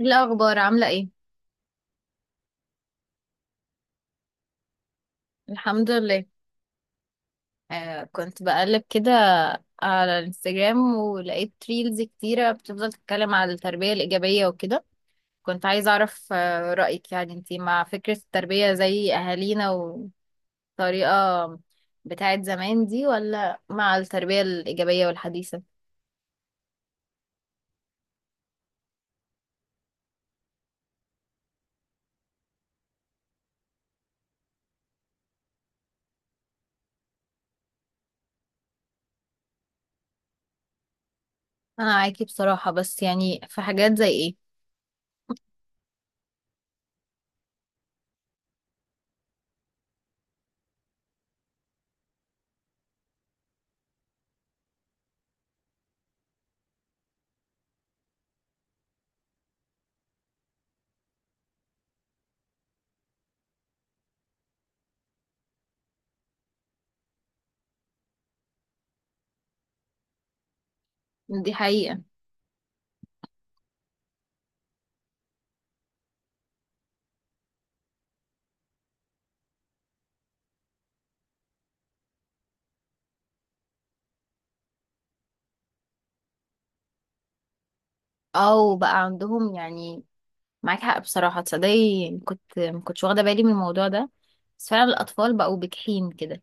إيه الأخبار عاملة ايه؟ الحمد لله. كنت بقلب كده على الانستجرام، ولقيت ريلز كتيرة بتفضل تتكلم على التربية الإيجابية وكده. كنت عايزة أعرف رأيك، يعني انتي مع فكرة التربية زي أهالينا والطريقة بتاعت زمان دي، ولا مع التربية الإيجابية والحديثة؟ أنا معاكي بصراحة، بس يعني في حاجات زي ايه؟ دي حقيقة. أو بقى عندهم يعني معاك حق بصراحة، تصدقي كنت ما كنتش واخدة بالي من الموضوع ده، بس فعلا الأطفال بقوا بجحين كده.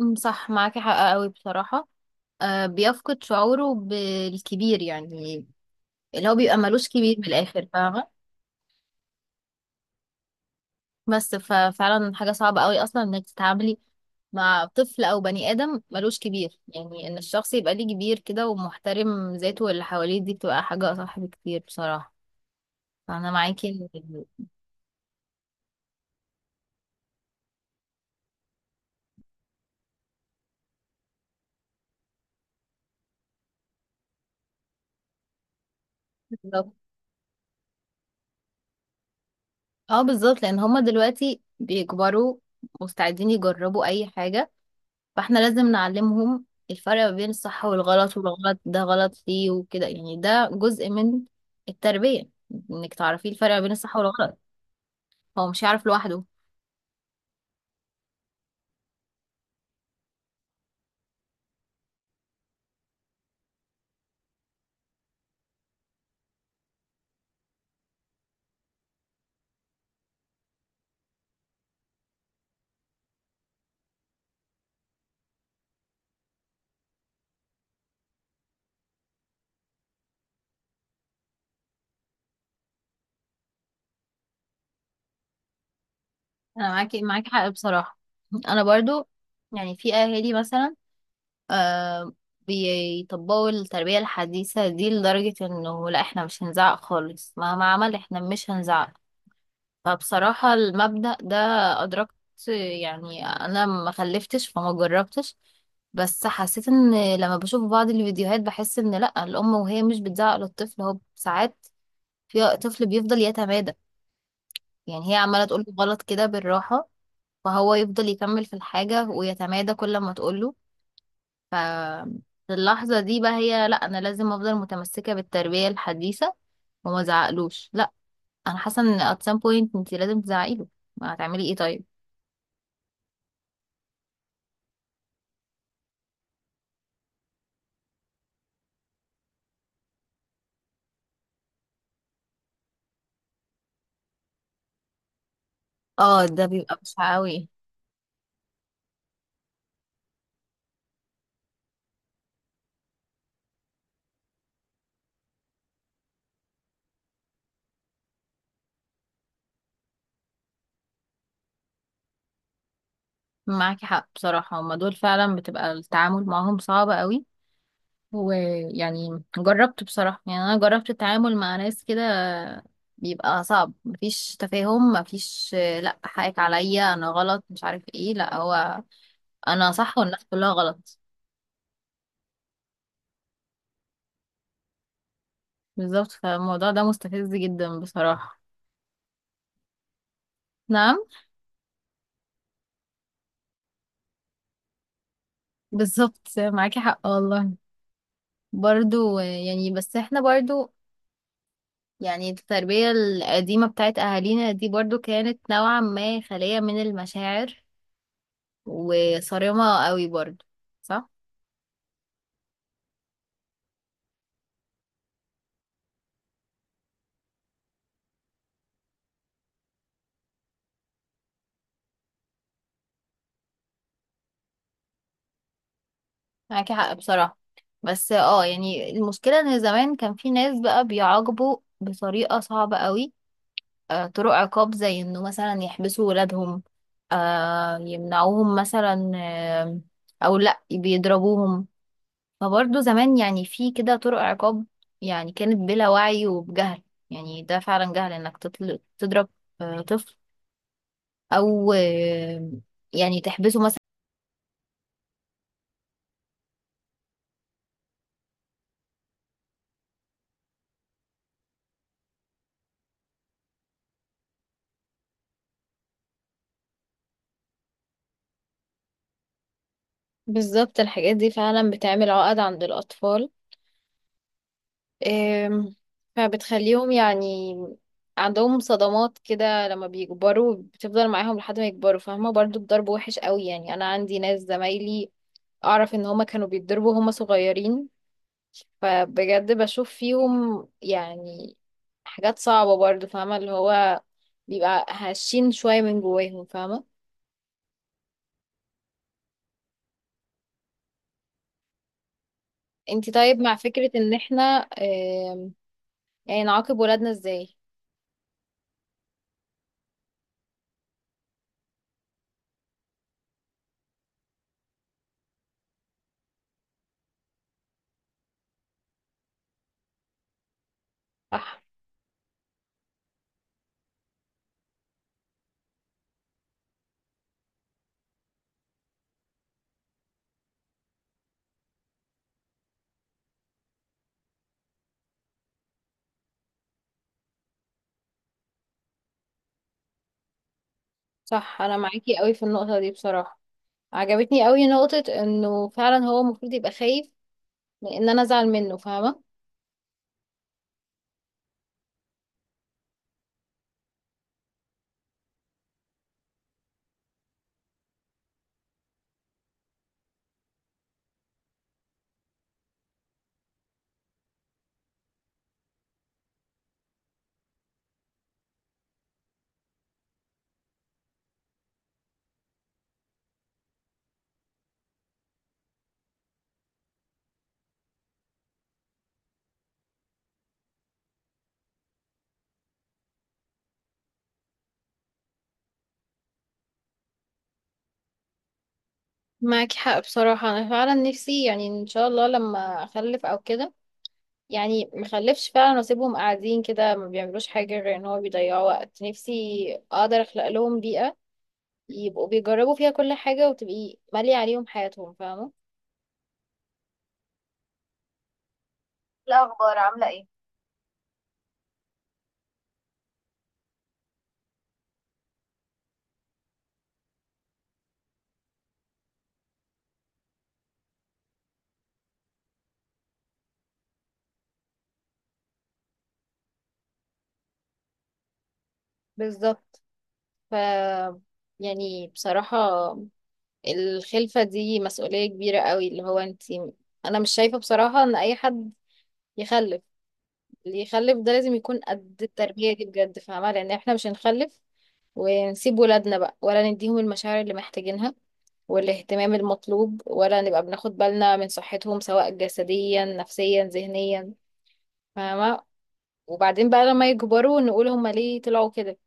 صح، معاكي حق قوي بصراحة. آه، بيفقد شعوره بالكبير يعني، اللي هو بيبقى ملوش كبير من الآخر، فاهمة. بس ففعلا حاجة صعبة قوي أصلا إنك تتعاملي مع طفل أو بني آدم ملوش كبير، يعني إن الشخص يبقى ليه كبير كده ومحترم ذاته واللي حواليه، دي بتبقى حاجة أصح بكتير بصراحة، فأنا معاكي. إن- اه بالظبط، لان هما دلوقتي بيكبروا مستعدين يجربوا اي حاجة، فاحنا لازم نعلمهم الفرق ما بين الصح والغلط، والغلط ده غلط ليه وكده، يعني ده جزء من التربية، انك تعرفي الفرق ما بين الصح والغلط، هو مش هيعرف لوحده. انا معاكي، حق بصراحة. انا برضو يعني في اهالي مثلا آه بيطبقوا التربية الحديثة دي لدرجة انه لا احنا مش هنزعق خالص مهما عمل احنا مش هنزعق. فبصراحة المبدأ ده أدركت، يعني أنا ما خلفتش فما جربتش، بس حسيت إن لما بشوف بعض الفيديوهات بحس إن لأ، الأم وهي مش بتزعق للطفل، هو ساعات في طفل بيفضل يتمادى، يعني هي عمالة تقوله غلط كده بالراحة، فهو يفضل يكمل في الحاجة ويتمادى كل ما تقوله. ف في اللحظة دي بقى هي لأ أنا لازم أفضل متمسكة بالتربية الحديثة وما زعقلوش، لأ. أنا حاسة إن at some point أنت لازم تزعقيله، ما هتعملي إيه طيب. اه، ده بيبقى بشع قوي. معاكي حق بصراحة، هما دول فعلا بتبقى التعامل معاهم صعب قوي، ويعني جربت بصراحة، يعني أنا جربت التعامل مع ناس كده، بيبقى صعب، مفيش تفاهم، مفيش لأ حقك عليا أنا غلط مش عارف ايه، لأ هو أنا صح والناس كلها غلط. بالظبط، فالموضوع ده مستفز جدا بصراحة. نعم. بالظبط معاكي حق والله. برضو يعني بس احنا برضو يعني التربية القديمة بتاعت أهالينا دي برضو كانت نوعا ما خالية من المشاعر، وصارمة قوي برضو، صح؟ معاكي حق بصراحة. بس اه يعني المشكلة ان زمان كان في ناس بقى بيعاقبوا بطريقة صعبة قوي. طرق عقاب زي انه مثلا يحبسوا ولادهم، يمنعوهم مثلا، او لا بيضربوهم. فبرضه زمان يعني في كده طرق عقاب، يعني كانت بلا وعي وبجهل، يعني ده فعلا جهل انك تضرب طفل، او آه، يعني تحبسه مثلا. بالظبط، الحاجات دي فعلا بتعمل عقد عند الأطفال. أم، فبتخليهم يعني عندهم صدمات كده، لما بيكبروا بتفضل معاهم لحد ما يكبروا، فاهمة. برضو الضرب وحش قوي، يعني أنا عندي ناس زمايلي أعرف إن هما كانوا بيتضربوا هما صغيرين، فبجد بشوف فيهم يعني حاجات صعبة برضو، فاهمة، اللي هو بيبقى هشين شوية من جواهم، فاهمة. انتي طيب مع فكرة ان احنا آم، يعني نعاقب ولادنا ازاي؟ صح. صح، انا معاكي قوي في النقطة دي بصراحة. عجبتني قوي نقطة انه فعلا هو المفروض يبقى خايف من ان انا ازعل منه، فاهمة. معاكي حق بصراحة. انا فعلا نفسي يعني ان شاء الله لما اخلف او كده، يعني مخلفش فعلا واسيبهم قاعدين كده ما بيعملوش حاجة غير ان هو بيضيعوا وقت. نفسي اقدر اخلق لهم بيئة يبقوا بيجربوا فيها كل حاجة وتبقي مالية عليهم حياتهم، فاهمة. الأخبار عاملة ايه؟ بالظبط. ف يعني بصراحة الخلفة دي مسؤولية كبيرة قوي، اللي هو انتي. انا مش شايفة بصراحة ان اي حد يخلف. اللي يخلف ده لازم يكون قد التربية دي بجد، فاهمة، لان احنا مش هنخلف ونسيب ولادنا بقى، ولا نديهم المشاعر اللي محتاجينها والاهتمام المطلوب، ولا نبقى بناخد بالنا من صحتهم سواء جسديا نفسيا ذهنيا، فاهمة. وبعدين بقى لما يكبروا نقول هما ليه طلعوا كده.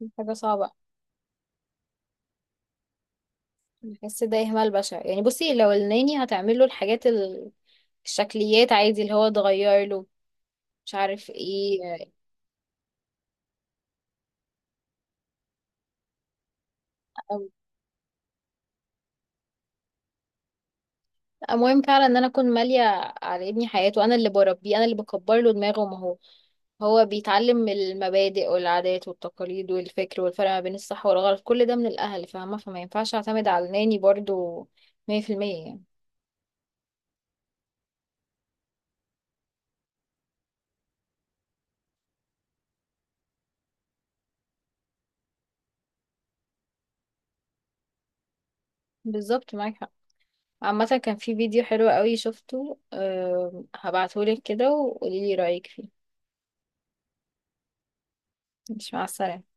دي حاجة صعبة. بحس ده إهمال بشع، يعني بصي لو الناني هتعمل له الحاجات الشكليات عادي، اللي هو تغير له مش عارف ايه. المهم فعلا ان انا اكون مالية على ابني حياته، انا اللي بربيه، انا اللي بكبر له دماغه، ما هو هو بيتعلم من المبادئ والعادات والتقاليد والفكر والفرق ما بين الصح والغلط كل ده من الأهل، فاهمة، فما ينفعش أعتمد على ناني برضو 100% يعني. بالظبط معاك حق. عامة كان في فيديو حلو قوي شفته، أه هبعتهولك كده وقوليلي رأيك فيه. مش، مع السلامة.